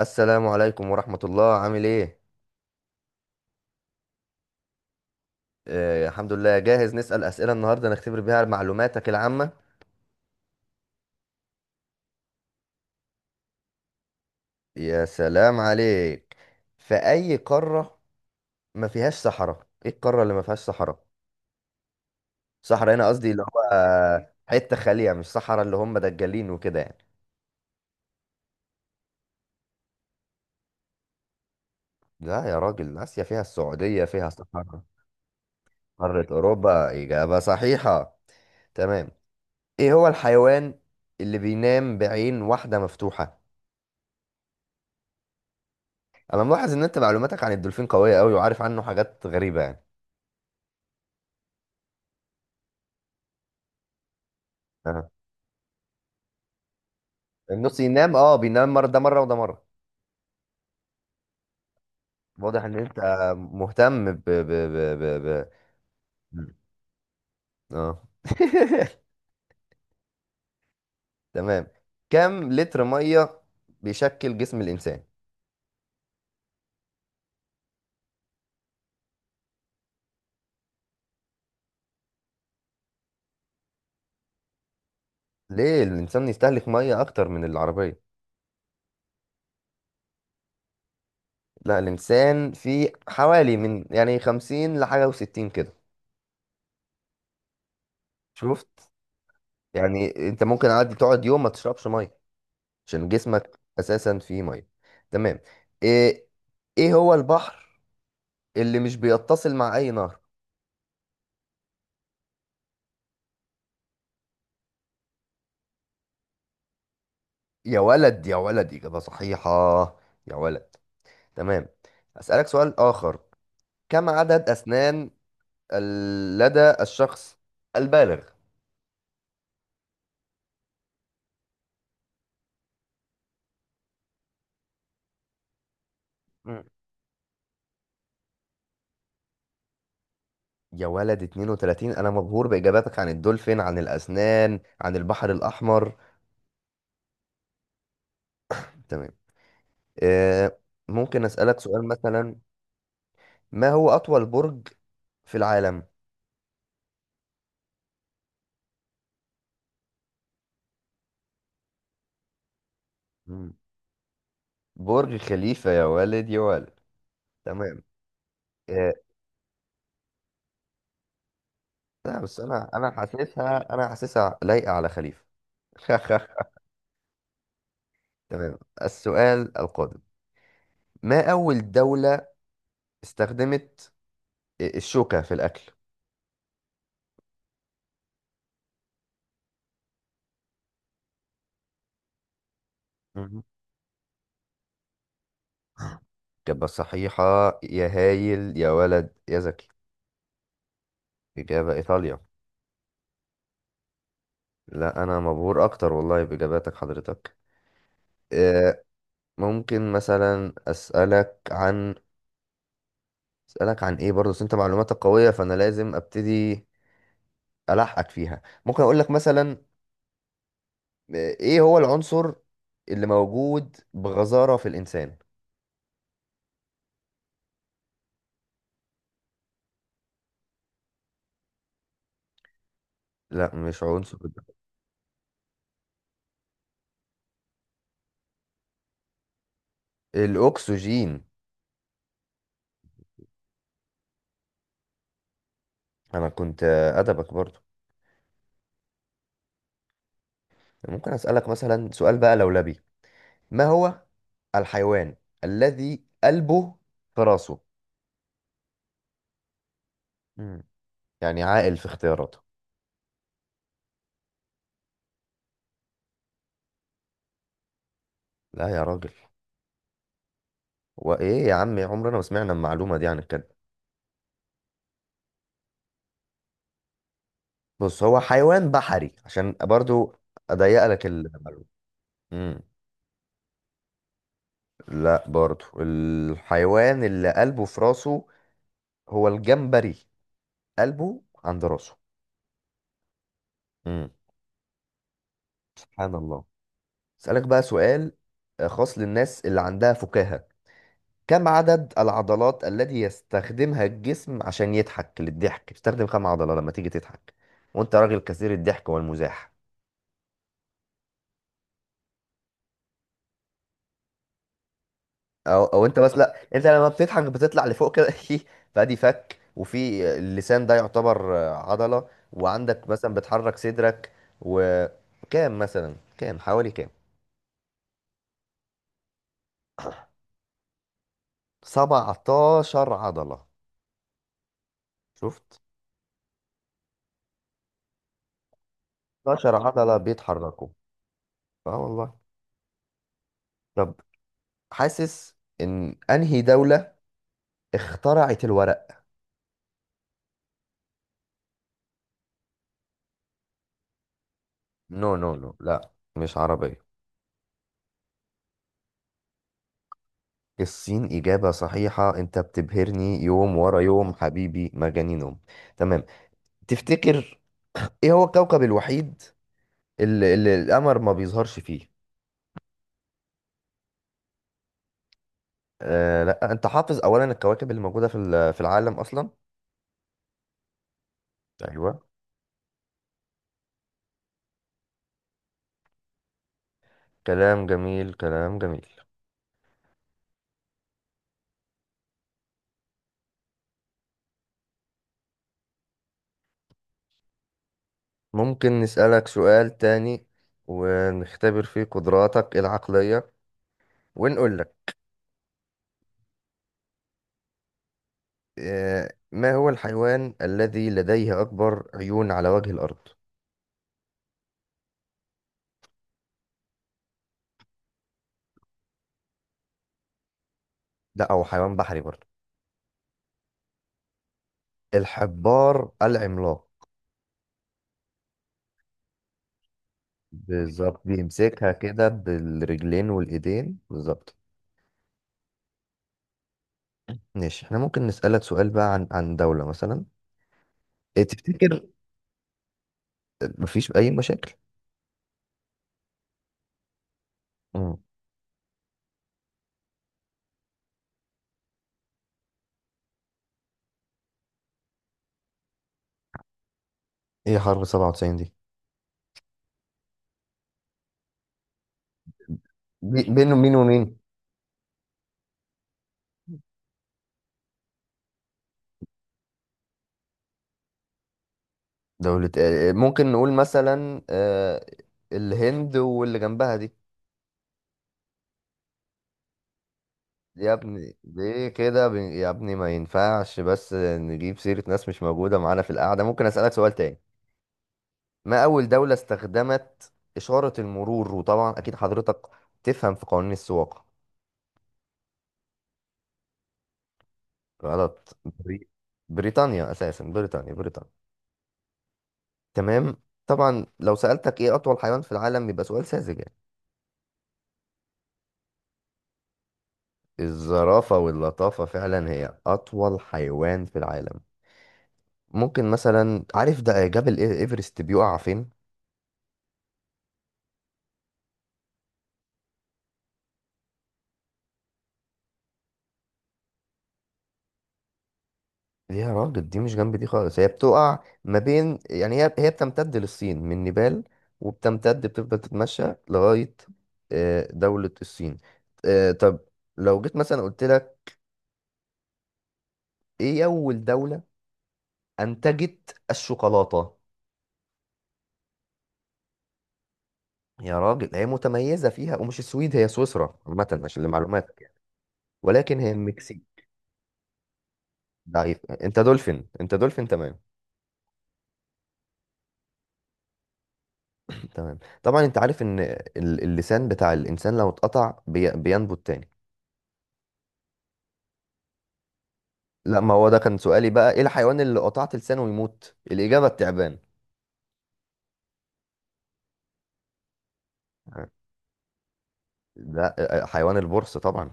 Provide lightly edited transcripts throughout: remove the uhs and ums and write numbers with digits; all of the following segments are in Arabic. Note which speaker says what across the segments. Speaker 1: السلام عليكم ورحمة الله، عامل ايه؟ الحمد لله، جاهز. نسأل أسئلة النهاردة نختبر بيها معلوماتك العامة. يا سلام عليك! في أي قارة ما فيهاش صحراء؟ ايه القارة اللي ما فيهاش صحراء؟ صحراء هنا قصدي اللي هو حتة خالية، مش صحراء اللي هم دجالين وكده يعني. لا يا راجل، آسيا فيها السعودية فيها صحراء. قارة أوروبا إجابة صحيحة. تمام. ايه هو الحيوان اللي بينام بعين واحدة مفتوحة؟ انا ملاحظ ان انت معلوماتك عن الدولفين قويه قوي، وعارف عنه حاجات غريبه يعني. أه. النص ينام، بينام مره ده مره وده مره. واضح ان انت مهتم ب ب, ب... اه تمام. كم لتر ميه بيشكل جسم الانسان؟ ليه الانسان يستهلك ميه اكتر من العربيه؟ لا، الانسان فيه حوالي من يعني 50 لحاجه و60 كده. شفت؟ يعني انت ممكن عادي تقعد يوم ما تشربش ميه، عشان جسمك اساسا فيه ميه. تمام. ايه ايه هو البحر اللي مش بيتصل مع اي نهر؟ يا ولد يا ولد، اجابه صحيحه. يا ولد. تمام. اسالك سؤال اخر. كم عدد اسنان لدى الشخص البالغ؟ مم. يا ولد، 32! انا مبهور باجاباتك عن الدولفين، عن الاسنان، عن البحر الاحمر. تمام. إيه، ممكن اسالك سؤال مثلا؟ ما هو اطول برج في العالم؟ مم. برج خليفة، يا والد يا والد. تمام. آه، لا بس انا حاسسها انا حاسسها لايقة على خليفة. تمام. السؤال القادم، ما اول دولة استخدمت الشوكة في الاكل؟ مهم. إجابة صحيحة. يا هايل يا ولد يا زكي! إجابة إيطاليا. لا، أنا مبهور أكتر والله بإجاباتك حضرتك. آه، ممكن مثلا أسألك عن، أسألك عن إيه برضه؟ بس أنت معلوماتك قوية فأنا لازم أبتدي ألحقك فيها. ممكن أقول لك مثلا، إيه هو العنصر اللي موجود بغزارة في الإنسان؟ لا، مش عنصر ده. الأكسجين. أنا كنت أدبك برضو. ممكن أسألك مثلا سؤال بقى لولبي. ما هو الحيوان الذي قلبه في راسه؟ مم. يعني عاقل في اختياراته. لا يا راجل. وإيه يا عم، عمرنا ما سمعنا المعلومة دي عن الكلب. بص، هو حيوان بحري، عشان برضو أضيق لك المعلومة. مم. لا، برضو الحيوان اللي قلبه في راسه هو الجمبري. قلبه عند راسه. امم. سبحان الله. اسألك بقى سؤال خاص للناس اللي عندها فكاهة. كم عدد العضلات التي يستخدمها الجسم عشان يضحك؟ للضحك بتستخدم كم عضلة لما تيجي تضحك، وانت راجل كثير الضحك والمزاح. او انت بس، لا انت لما بتضحك بتطلع لفوق كده فادي فك وفي اللسان، ده يعتبر عضلة. وعندك مثلا بتحرك صدرك. وكام مثلا، كام حوالي، كام؟ 17 عضلة. شفت؟ 17 عضلة بيتحركوا. اه والله. طب، حاسس ان انهي دولة اخترعت الورق؟ نو نو نو، لا، مش عربية. الصين إجابة صحيحة. أنت بتبهرني يوم ورا يوم حبيبي، مجانينهم. تمام. تفتكر ايه هو الكوكب الوحيد اللي القمر ما بيظهرش فيه؟ لا، انت حافظ اولا الكواكب اللي موجودة في في العالم اصلا؟ ايوه. كلام جميل، كلام جميل. ممكن نسألك سؤال تاني ونختبر فيه قدراتك العقلية ونقول لك، ما هو الحيوان الذي لديه اكبر عيون على وجه الارض؟ لا، هو حيوان بحري برضه. الحبار العملاق. بالظبط، بيمسكها كده بالرجلين والايدين بالظبط. ماشي، احنا ممكن نسألك سؤال بقى عن دولة مثلا. إيه تفتكر؟ مفيش أي مشاكل؟ مم. ايه حرب 97 دي؟ بين مين ومين؟ دولة ممكن نقول مثلا الهند واللي جنبها دي. يا ابني ليه كده، يا ابني، ما ينفعش بس نجيب سيرة ناس مش موجودة معانا في القعدة. ممكن أسألك سؤال تاني، ما أول دولة استخدمت إشارة المرور؟ وطبعا أكيد حضرتك تفهم في قوانين السواقة. غلط. بريطانيا أساسا، بريطانيا بريطانيا. تمام. طبعا لو سألتك ايه أطول حيوان في العالم يبقى سؤال ساذج يعني. الزرافة واللطافة، فعلا هي أطول حيوان في العالم. ممكن مثلا، عارف ده جبل إيفرست بيقع فين؟ يا راجل، دي مش جنب دي خالص. هي بتقع ما بين يعني، هي بتمتد للصين من نيبال. وبتمتد بتفضل تتمشى لغاية دولة الصين. طب، لو جيت مثلا قلت لك ايه أول دولة أنتجت الشوكولاتة؟ يا راجل، هي متميزة فيها، ومش السويد، هي سويسرا عامة عشان لمعلوماتك يعني. ولكن هي المكسيك. ضعيف انت، دولفين انت، دولفين. تمام. تمام. طبعا انت عارف ان اللسان بتاع الانسان لو اتقطع بينبت تاني. لا، ما هو ده كان سؤالي بقى، ايه الحيوان اللي قطعت لسانه ويموت؟ الاجابة التعبان. لا، حيوان البرص طبعا.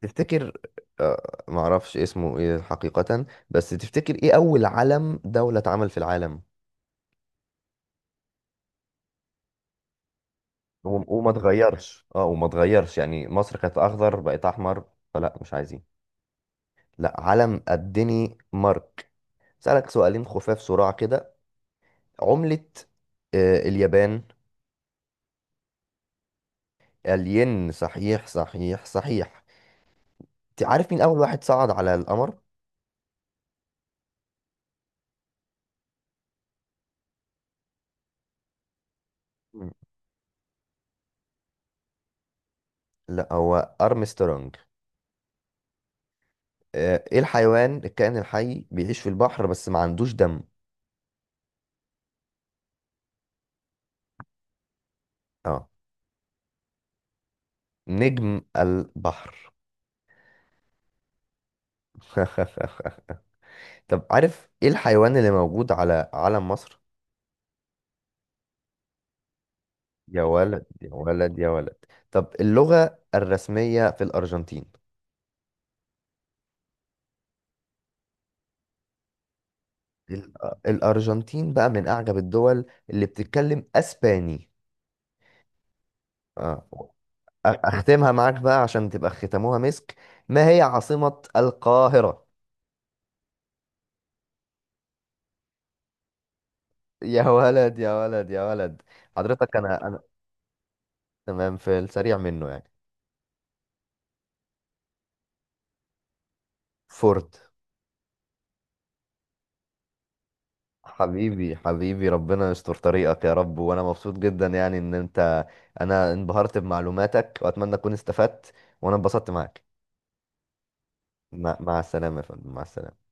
Speaker 1: تفتكر معرفش اسمه ايه حقيقة، بس تفتكر ايه اول علم دولة اتعمل في العالم؟ وما تغيرش، وما تغيرش، يعني مصر كانت اخضر بقت احمر فلا مش عايزين. لا، علم قدني مارك. سألك سؤالين خفاف سرعة كده. عملة اليابان؟ الين صحيح صحيح صحيح. انت عارف مين اول واحد صعد على القمر؟ مم. لا، هو ارمسترونج. ايه الحيوان الكائن الحي بيعيش في البحر بس ما عندوش دم؟ اه، نجم البحر. طب عارف ايه الحيوان اللي موجود على علم مصر؟ يا ولد يا ولد يا ولد! طب اللغة الرسمية في الأرجنتين؟ ال- الأرجنتين بقى من أعجب الدول اللي بتتكلم أسباني. آه. أختمها معاك بقى عشان تبقى ختموها مسك. ما هي عاصمة القاهرة؟ يا ولد يا ولد يا ولد! حضرتك أنا. تمام، في السريع منه يعني. فورد. حبيبي حبيبي، ربنا يستر طريقك يا رب. وانا مبسوط جدا يعني ان انت، انا انبهرت بمعلوماتك واتمنى اكون استفدت. وانا انبسطت معاك. مع السلامة يا فندم، مع السلامة.